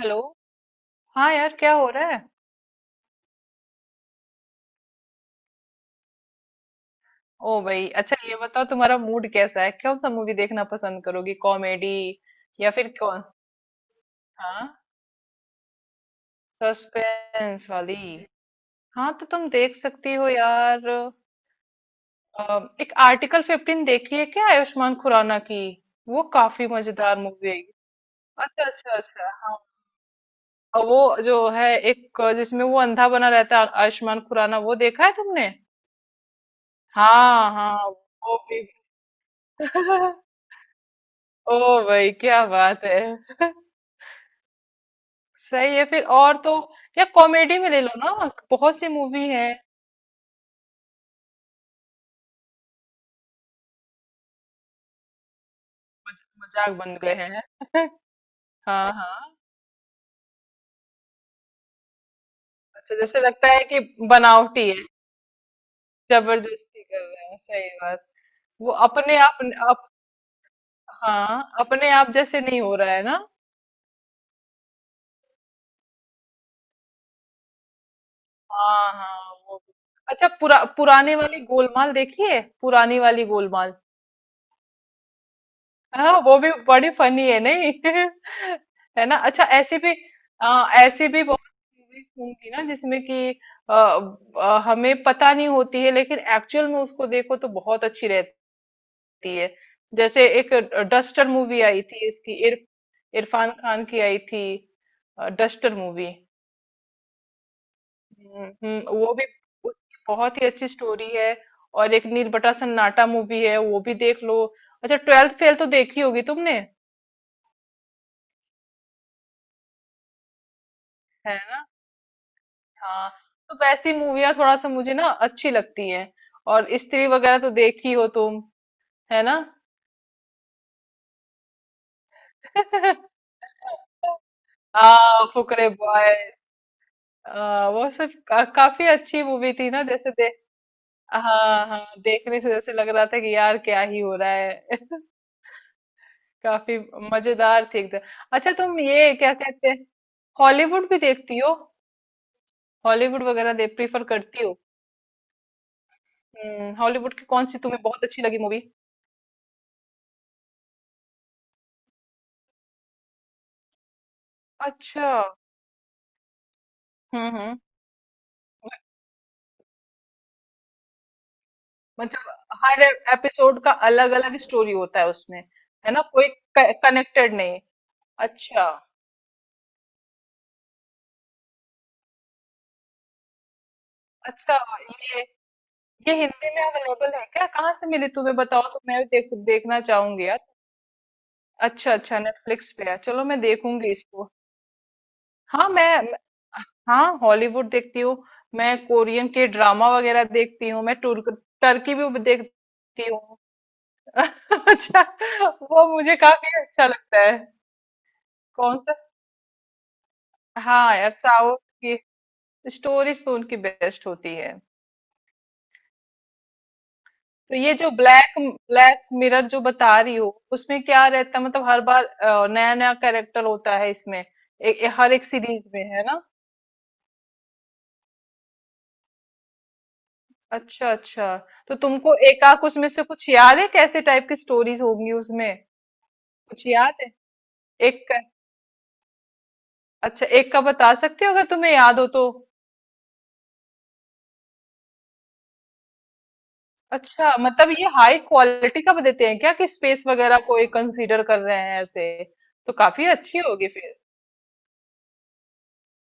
Hello. हाँ यार क्या हो रहा है। ओ भाई अच्छा ये बताओ तुम्हारा मूड कैसा है, कौन सा मूवी देखना पसंद करोगी, कॉमेडी या फिर कौन। हाँ, सस्पेंस वाली। हाँ तो तुम देख सकती हो यार। एक आर्टिकल 15 देखी है क्या आयुष्मान खुराना की। वो काफी मजेदार मूवी है। अच्छा अच्छा अच्छा, हाँ। और वो जो है एक जिसमें वो अंधा बना रहता है आयुष्मान खुराना, वो देखा है तुमने। हाँ हाँ वो भी। ओ भाई क्या बात है। सही है फिर। और तो या कॉमेडी में ले लो ना, बहुत सी मूवी है। मजाक बन गए हैं। हाँ हाँ। अच्छा जैसे लगता है कि बनावटी है, जबरदस्ती कर रहे हैं, सही बात। वो अपने आप। अप, हाँ अपने आप जैसे नहीं हो रहा है ना। हाँ हाँ वो भी। अच्छा पुराने वाली गोलमाल देखी है, पुरानी वाली गोलमाल। हाँ वो भी बड़ी फनी है नहीं। है ना। अच्छा ऐसी भी ऐसी भी बहुत मूवीज होंगी ना जिसमें कि अ, हमें पता नहीं होती है लेकिन एक्चुअल में उसको देखो तो बहुत अच्छी रहती है। जैसे एक डस्टर मूवी आई थी, इरफान खान की आई थी, डस्टर मूवी। वो भी उसकी बहुत ही अच्छी स्टोरी है। और एक नीरबटा सन्नाटा मूवी है, वो भी देख लो। अच्छा ट्वेल्थ फेल तो देखी होगी तुमने। है हाँ। तो वैसी मूवियाँ थोड़ा सा मुझे ना अच्छी लगती हैं। और स्त्री वगैरह तो देखी हो तुम। है ना। हाँ फुकरे बॉय। वो काफी अच्छी मूवी थी ना जैसे दे। हाँ हाँ देखने से जैसे लग रहा था कि यार क्या ही हो रहा है। काफी मजेदार थी एकदम। अच्छा तुम ये क्या कहते हैं, हॉलीवुड भी देखती हो। हॉलीवुड वगैरह दे प्रीफर करती हो। हम्म, हॉलीवुड की कौन सी तुम्हें बहुत अच्छी लगी मूवी। अच्छा। हम्म। मतलब हर एपिसोड का अलग अलग स्टोरी होता है उसमें। है ना, कोई कनेक्टेड नहीं। अच्छा अच्छा। ये ये हिंदी में अवेलेबल है क्या, कहाँ से मिली तुम्हें बताओ तो मैं देखना चाहूंगी यार। अच्छा अच्छा, नेटफ्लिक्स पे है, चलो मैं देखूंगी इसको। हाँ हाँ हॉलीवुड देखती हूँ। मैं कोरियन के ड्रामा वगैरह देखती हूँ, मैं तुर्क टर्की भी देखती हूँ। अच्छा, वो मुझे काफी अच्छा लगता है। कौन सा। हाँ यार साउथ की स्टोरीज तो उनकी बेस्ट होती है। तो ये जो ब्लैक ब्लैक मिरर जो बता रही हो, उसमें क्या रहता है, मतलब हर बार नया नया कैरेक्टर होता है इसमें, ए, ए, हर एक सीरीज में, है ना। अच्छा अच्छा। तो तुमको एकाक उसमें से कुछ याद है, कैसे टाइप की स्टोरीज होंगी उसमें, कुछ याद है एक का। अच्छा एक का बता सकते हो अगर तुम्हें याद हो तो। अच्छा मतलब ये हाई क्वालिटी का देते हैं क्या, कि स्पेस वगैरह को एक कंसीडर कर रहे हैं ऐसे। तो काफी अच्छी होगी फिर।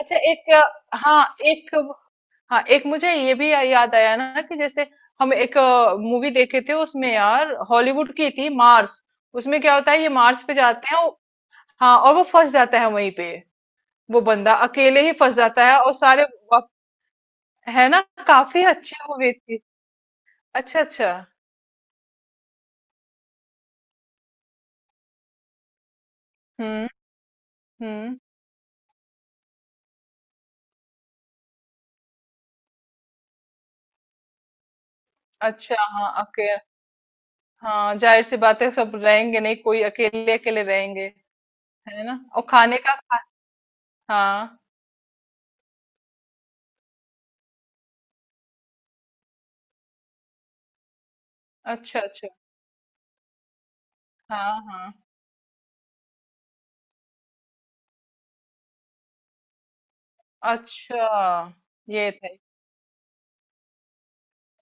अच्छा एक हाँ एक, हाँ एक मुझे ये भी याद आया ना कि जैसे हम एक मूवी देखे थे उसमें यार, हॉलीवुड की थी, मार्स। उसमें क्या होता है, ये मार्स पे जाते हैं हाँ और वो फंस जाता है वहीं पे। वो बंदा अकेले ही फंस जाता है और सारे वाप- है ना। काफी अच्छी मूवी थी। अच्छा अच्छा। हम्म हम्म। अच्छा हाँ अके हाँ जाहिर सी बात है, सब रहेंगे नहीं, कोई अकेले अकेले रहेंगे। है ना। और खाने का हाँ अच्छा अच्छा। हाँ हाँ। अच्छा ये थे,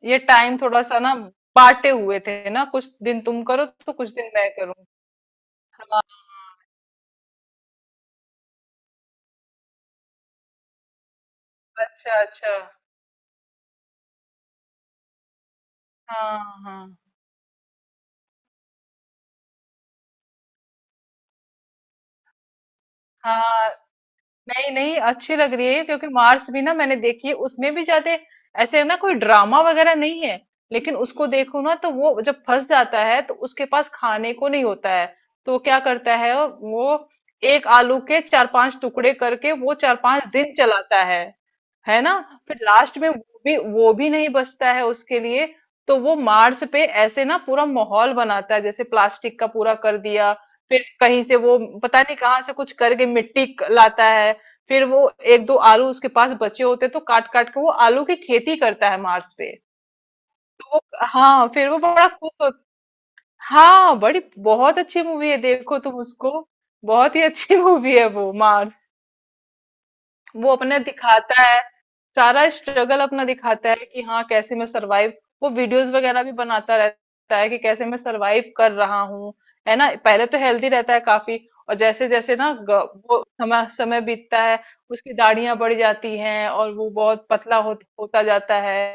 ये टाइम थोड़ा सा ना बांटे हुए थे ना, कुछ दिन तुम करो तो कुछ दिन मैं करूँ। हाँ अच्छा अच्छा। हाँ हाँ हाँ। नहीं नहीं, अच्छी लग रही है, क्योंकि मार्स भी ना मैंने देखी है, उसमें भी ज्यादा ऐसे ना कोई ड्रामा वगैरह नहीं है। लेकिन उसको देखो ना तो वो जब फंस जाता है तो उसके पास खाने को नहीं होता है, तो क्या करता है वो एक आलू के चार पांच टुकड़े करके वो चार पांच दिन चलाता है। है ना। फिर लास्ट में वो भी नहीं बचता है उसके लिए। तो वो मार्स पे ऐसे ना पूरा माहौल बनाता है जैसे प्लास्टिक का पूरा कर दिया। फिर कहीं से वो पता नहीं कहाँ से कुछ करके मिट्टी लाता है। फिर वो एक दो आलू उसके पास बचे होते तो काट काट के वो आलू की खेती करता है मार्स पे। तो वो हाँ फिर वो बड़ा खुश होता। हाँ बड़ी बहुत अच्छी मूवी है, देखो तुम उसको। बहुत ही अच्छी मूवी है वो मार्स। वो अपने दिखाता है सारा स्ट्रगल अपना दिखाता है कि हाँ कैसे मैं सरवाइव। वो वीडियोस वगैरह भी बनाता रहता है कि कैसे मैं सरवाइव कर रहा हूँ। है ना, पहले तो हेल्दी रहता है काफी, और जैसे जैसे ना वो समय समय बीतता है, उसकी दाढ़ियां बढ़ जाती हैं और वो बहुत पतला होता जाता है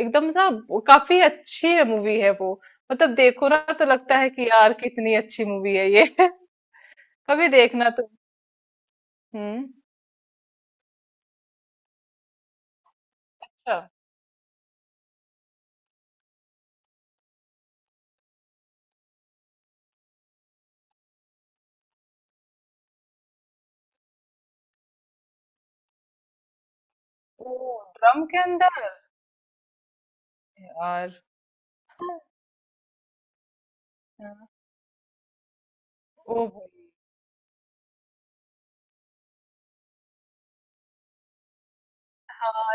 एकदम सा। वो काफी अच्छी है मूवी है वो, मतलब देखो ना तो लगता है कि यार कितनी अच्छी मूवी है ये। कभी देखना तो। हम्म। अच्छा। ओ ड्रम के अंदर। यार हाँ। ओ भाई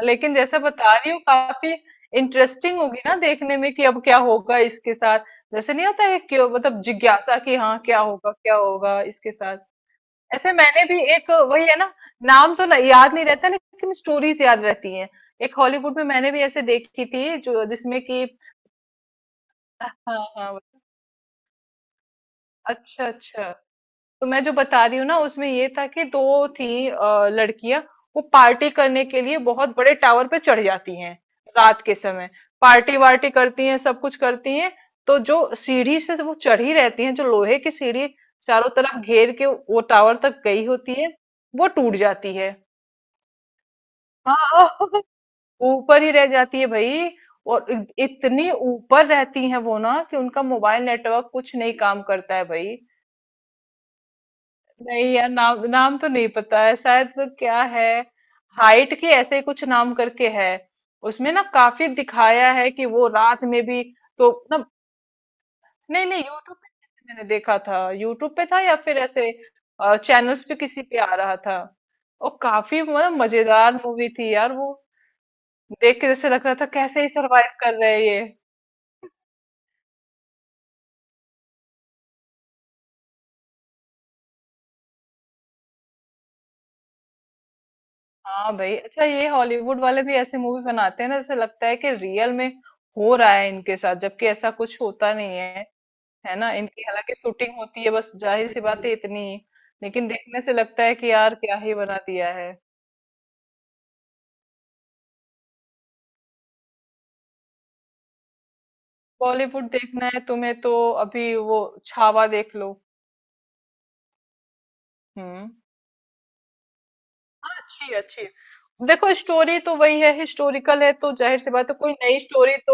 लेकिन जैसे बता रही हूँ काफी इंटरेस्टिंग होगी ना देखने में कि अब क्या होगा इसके साथ, जैसे नहीं होता है कि मतलब जिज्ञासा कि हाँ क्या होगा इसके साथ। ऐसे मैंने भी एक वही है ना, नाम तो नहीं- याद नहीं रहता लेकिन स्टोरीज याद रहती हैं। एक हॉलीवुड में मैंने भी ऐसे देखी थी जो जिसमें कि हाँ हाँ हाँ, अच्छा अच्छा। तो मैं जो बता रही हूँ ना, उसमें ये था कि दो थी लड़कियां। वो पार्टी करने के लिए बहुत बड़े टावर पे चढ़ जाती हैं रात के समय, पार्टी वार्टी करती हैं सब कुछ करती हैं। तो जो सीढ़ी से वो चढ़ी रहती हैं, जो लोहे की सीढ़ी चारों तरफ घेर के वो टावर तक गई होती है, वो टूट जाती है। हाँ। ऊपर ही रह जाती है भाई। और इतनी ऊपर रहती है वो ना कि उनका मोबाइल नेटवर्क कुछ नहीं काम करता है भाई। नहीं यार, नाम नाम तो नहीं पता है, शायद वो क्या है हाइट के ऐसे ही कुछ नाम करके है। उसमें ना काफी दिखाया है कि वो रात में भी। तो ना नहीं नहीं, यूट्यूब पे किसी मैंने देखा था, यूट्यूब पे था या फिर ऐसे चैनल्स पे किसी पे आ रहा था। और काफी मतलब मजेदार मूवी थी यार वो, देख के जैसे लग रहा था कैसे ही सरवाइव कर रहे हैं ये। हाँ भाई। अच्छा ये हॉलीवुड वाले भी ऐसे मूवी बनाते हैं ना जैसे लगता है कि रियल में हो रहा है इनके साथ, जबकि ऐसा कुछ होता नहीं है। है ना, इनकी हालांकि शूटिंग होती है बस, जाहिर सी बात है इतनी ही। लेकिन देखने से लगता है कि यार क्या ही बना दिया है। बॉलीवुड देखना है तुम्हें तो अभी वो छावा देख लो। हम्म, अच्छी अच्छी। देखो स्टोरी तो वही है, हिस्टोरिकल है तो जाहिर सी बात है कोई नई स्टोरी तो।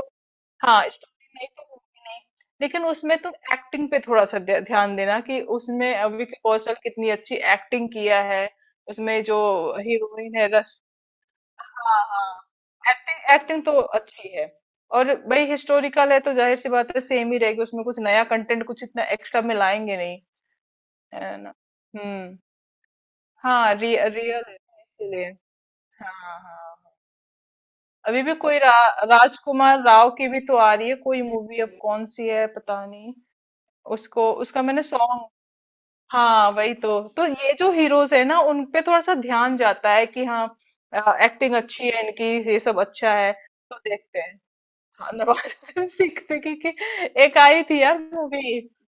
हाँ स्टोरी नई तो होगी नहीं। लेकिन उसमें तुम एक्टिंग पे थोड़ा सा ध्यान देना कि उसमें विकी कौशल कितनी अच्छी एक्टिंग किया है। उसमें जो हीरोइन है। हाँ हाँ, एक्टिंग एक्टिंग तो अच्छी है। और भाई हिस्टोरिकल है तो जाहिर सी बात है सेम ही रहेगी, उसमें कुछ नया कंटेंट कुछ इतना एक्स्ट्रा में लाएंगे नहीं। है ना। हम्म। हाँ रियल है इसलिए। हाँ हाँ। अभी भी कोई राजकुमार राव की भी तो आ रही है कोई मूवी, अब कौन सी है पता नहीं। उसको उसका मैंने सॉन्ग। हाँ वही तो ये जो हीरोज है ना उन पे थोड़ा सा ध्यान जाता है कि हाँ एक्टिंग अच्छी है इनकी। ये सब अच्छा है, तो देखते हैं। हाँ, नवाजुद्दीन सिद्दीकी की एक आई थी यार मूवी,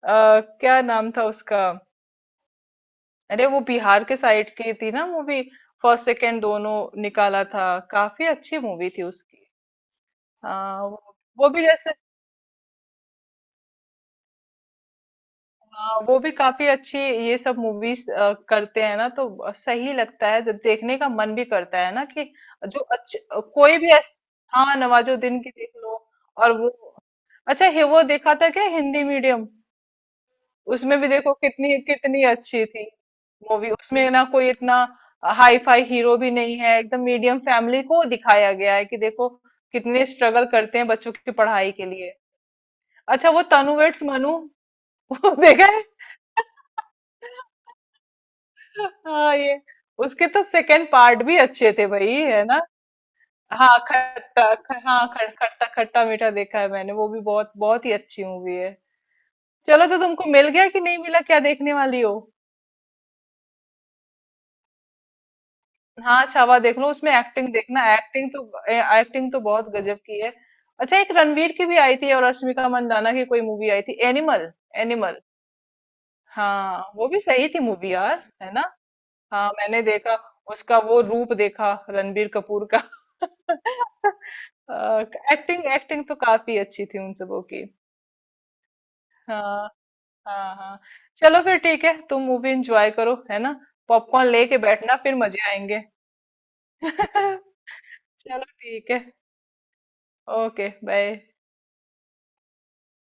क्या नाम था उसका। अरे वो बिहार के साइड की थी ना मूवी, फर्स्ट सेकंड दोनों निकाला था, काफी अच्छी मूवी थी उसकी। हाँ वो भी जैसे हाँ वो भी काफी अच्छी। ये सब मूवीज करते हैं ना तो सही लगता है, तो देखने का मन भी करता है ना कि जो अच्छ, कोई भी ऐस, हाँ नवाजुद्दीन की देख लो। और वो अच्छा, हे वो देखा था क्या हिंदी मीडियम। उसमें भी देखो कितनी कितनी अच्छी थी मूवी, उसमें ना कोई इतना हाई फाई हीरो भी नहीं है, एकदम मीडियम फैमिली को दिखाया गया है कि देखो कितने स्ट्रगल करते हैं बच्चों की पढ़ाई के लिए। अच्छा वो तनु वेड्स मनु वो देखा है। हाँ ये उसके तो सेकंड पार्ट भी अच्छे थे भाई, है ना। हाँ खट्टा ख, हाँ ख, खट्टा खट्टा मीठा देखा है मैंने वो भी, बहुत बहुत ही अच्छी मूवी है। चलो तो तुमको मिल गया कि नहीं मिला क्या देखने वाली हो। हाँ छावा देख लो, उसमें एक्टिंग देखना, एक्टिंग तो बहुत गजब की है। अच्छा एक रणवीर की भी आई थी और रश्मिका मंदाना की कोई मूवी आई थी, एनिमल। एनिमल हाँ वो भी सही थी मूवी यार, है ना। हाँ मैंने देखा उसका वो रूप देखा रणबीर कपूर का। एक्टिंग एक्टिंग तो काफी अच्छी थी उन सबों की। हाँ हाँ हाँ। चलो फिर ठीक है, तुम मूवी एंजॉय करो, है ना। पॉपकॉर्न लेके बैठना फिर मजे आएंगे। चलो ठीक है। Okay bye.